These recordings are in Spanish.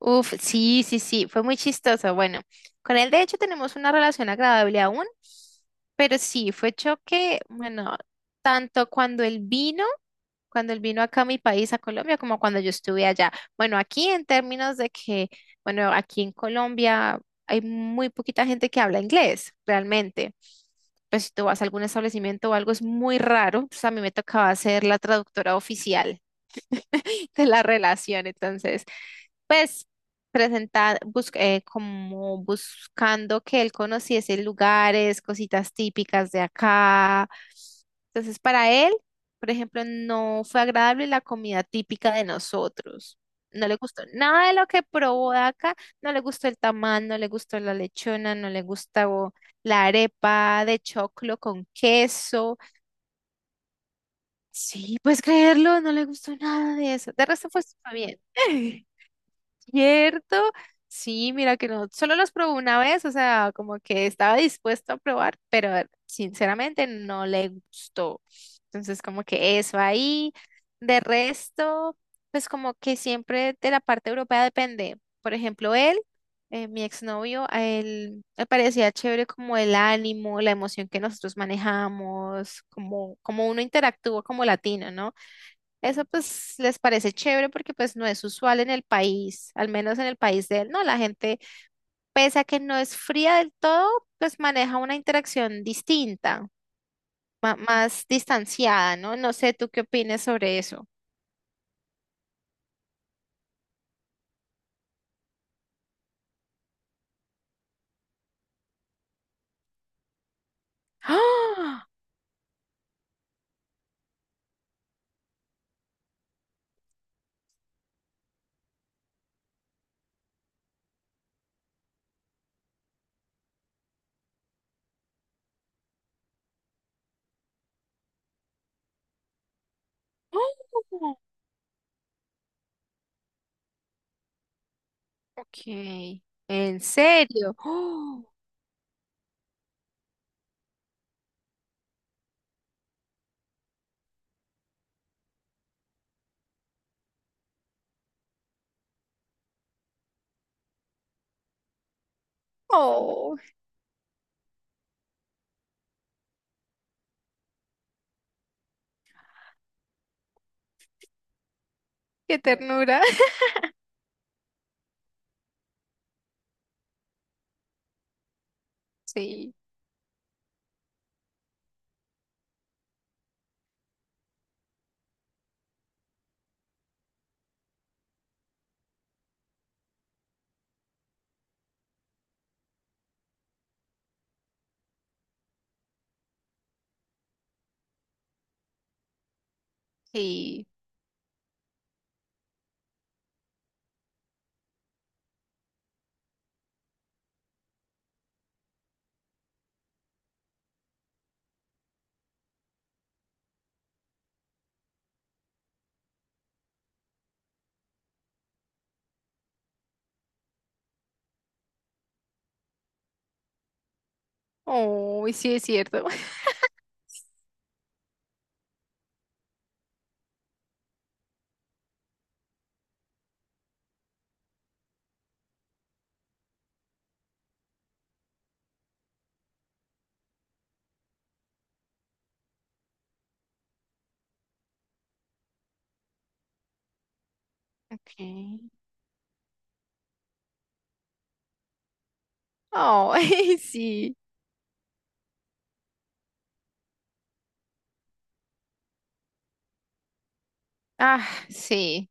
Uf, sí, sí, sí, fue muy chistoso. Bueno, con él de hecho tenemos una relación agradable aún, pero sí, fue choque, bueno, tanto cuando él vino acá a mi país, a Colombia, como cuando yo estuve allá. Bueno, aquí en términos de que, bueno, aquí en Colombia hay muy poquita gente que habla inglés, realmente. Pues si tú vas a algún establecimiento o algo, es muy raro. Pues a mí me tocaba ser la traductora oficial de la relación, entonces pues presentar, como buscando que él conociese lugares, cositas típicas de acá. Entonces, para él, por ejemplo, no fue agradable la comida típica de nosotros. No le gustó nada de lo que probó de acá, no le gustó el tamal, no le gustó la lechona, no le gustó la arepa de choclo con queso. Sí, puedes creerlo, no le gustó nada de eso. De resto pues, fue súper bien. ¿Cierto? Sí, mira que no, solo los probé una vez, o sea, como que estaba dispuesto a probar, pero sinceramente no le gustó. Entonces, como que eso ahí. De resto, pues como que siempre de la parte europea depende. Por ejemplo, él, mi exnovio, a él le parecía chévere como el ánimo, la emoción que nosotros manejamos, como uno interactúa como latino, ¿no? Eso pues les parece chévere porque pues no es usual en el país, al menos en el país de él, ¿no? La gente, pese a que no es fría del todo, pues maneja una interacción distinta, más distanciada, ¿no? No sé, ¿tú qué opinas sobre eso? ¡Ah! ¡Oh! Ok, ¿en serio? ¡Oh! ¡Oh! ¡Qué ternura! Sí, sí. ¡Oh! Sí, es cierto. Ok. ¡Oh! Sí. Ah, sí.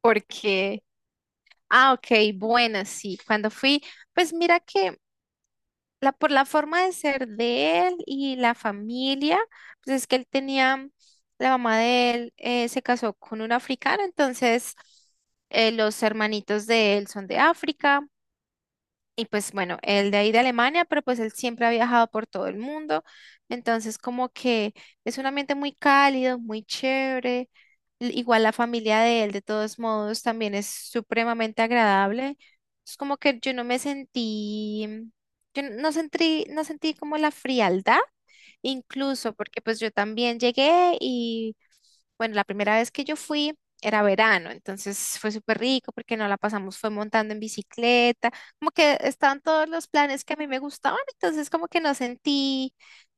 ¿Por qué? Ah, ok, buena, sí. Cuando fui, pues mira que la, por la forma de ser de él y la familia, pues es que él tenía, la mamá de él se casó con un africano, entonces los hermanitos de él son de África y pues bueno, él de ahí de Alemania, pero pues él siempre ha viajado por todo el mundo. Entonces como que es un ambiente muy cálido, muy chévere. Igual la familia de él, de todos modos, también es supremamente agradable. Es como que yo no sentí como la frialdad, incluso porque pues yo también llegué y bueno, la primera vez que yo fui era verano, entonces fue súper rico porque no la pasamos, fue montando en bicicleta como que estaban todos los planes que a mí me gustaban, entonces como que no sentí,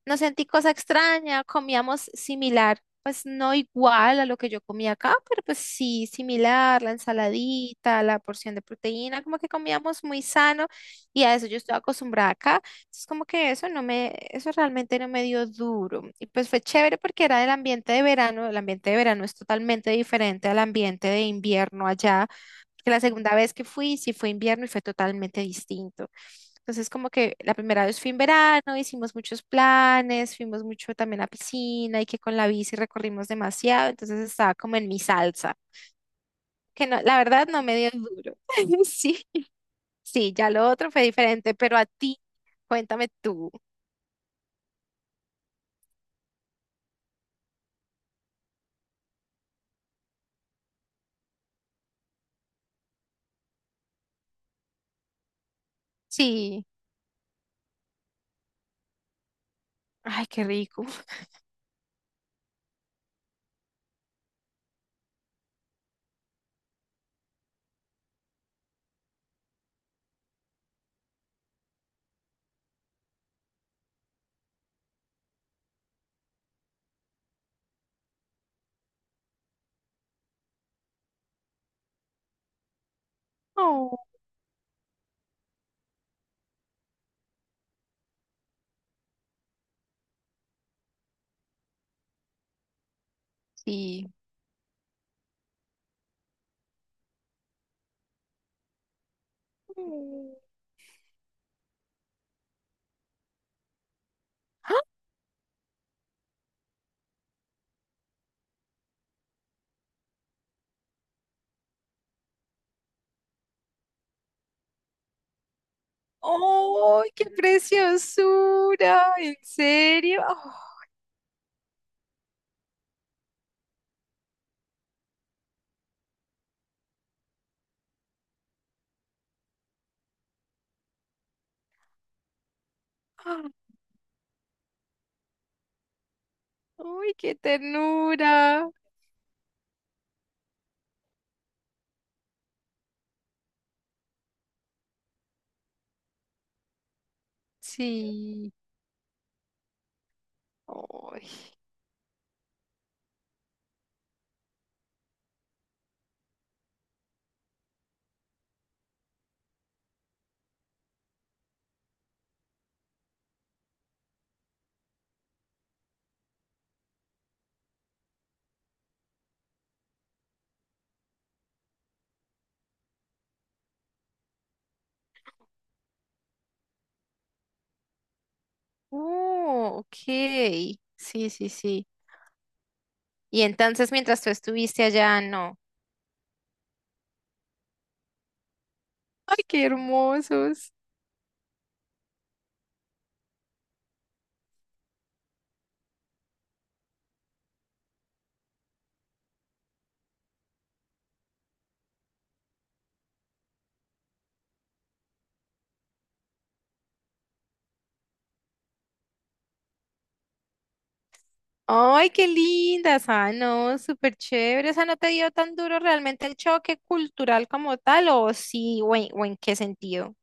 no sentí cosa extraña, comíamos similar, pues no igual a lo que yo comía acá, pero pues sí, similar, la ensaladita, la porción de proteína, como que comíamos muy sano y a eso yo estoy acostumbrada acá, entonces como que eso no me, eso realmente no me dio duro y pues fue chévere porque era del ambiente de verano, el ambiente de verano es totalmente diferente al ambiente de invierno allá. Que la segunda vez que fui, sí fue invierno y fue totalmente distinto. Entonces, como que la primera vez fui en verano, hicimos muchos planes, fuimos mucho también a piscina y que con la bici recorrimos demasiado, entonces estaba como en mi salsa, que no, la verdad no me dio duro. Sí, sí, ya lo otro fue diferente, pero a ti, cuéntame tú. Sí, ay, qué rico. Oh, sí. Mm. ¡Ah! ¡Oh, qué preciosura! ¿En serio? Oh. Uy, qué ternura. Sí. Ay. Oh, ok. Sí, sí, sí. Y entonces mientras tú estuviste allá, no. Ay, qué hermosos. Ay, qué lindas. Ah, no, súper chévere. O sea, ¿no te dio tan duro realmente el choque cultural como tal? ¿O sí? ¿O en qué sentido?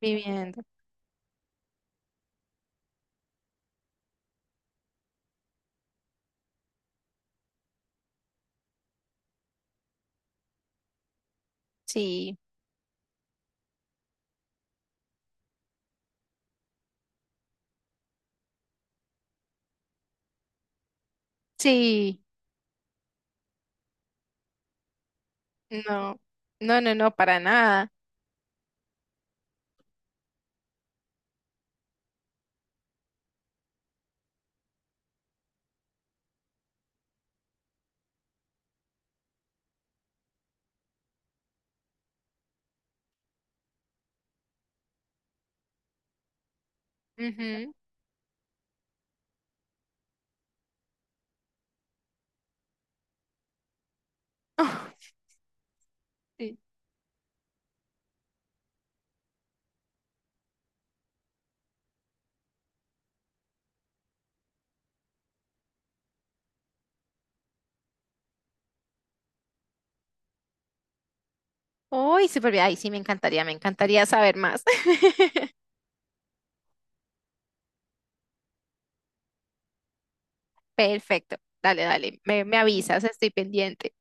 Viviendo. Sí, sí. No, no, no, no, para nada. Ujú. Uy, súper bien. Ay, sí, me encantaría saber más. Perfecto. Dale, dale. Me avisas, estoy pendiente.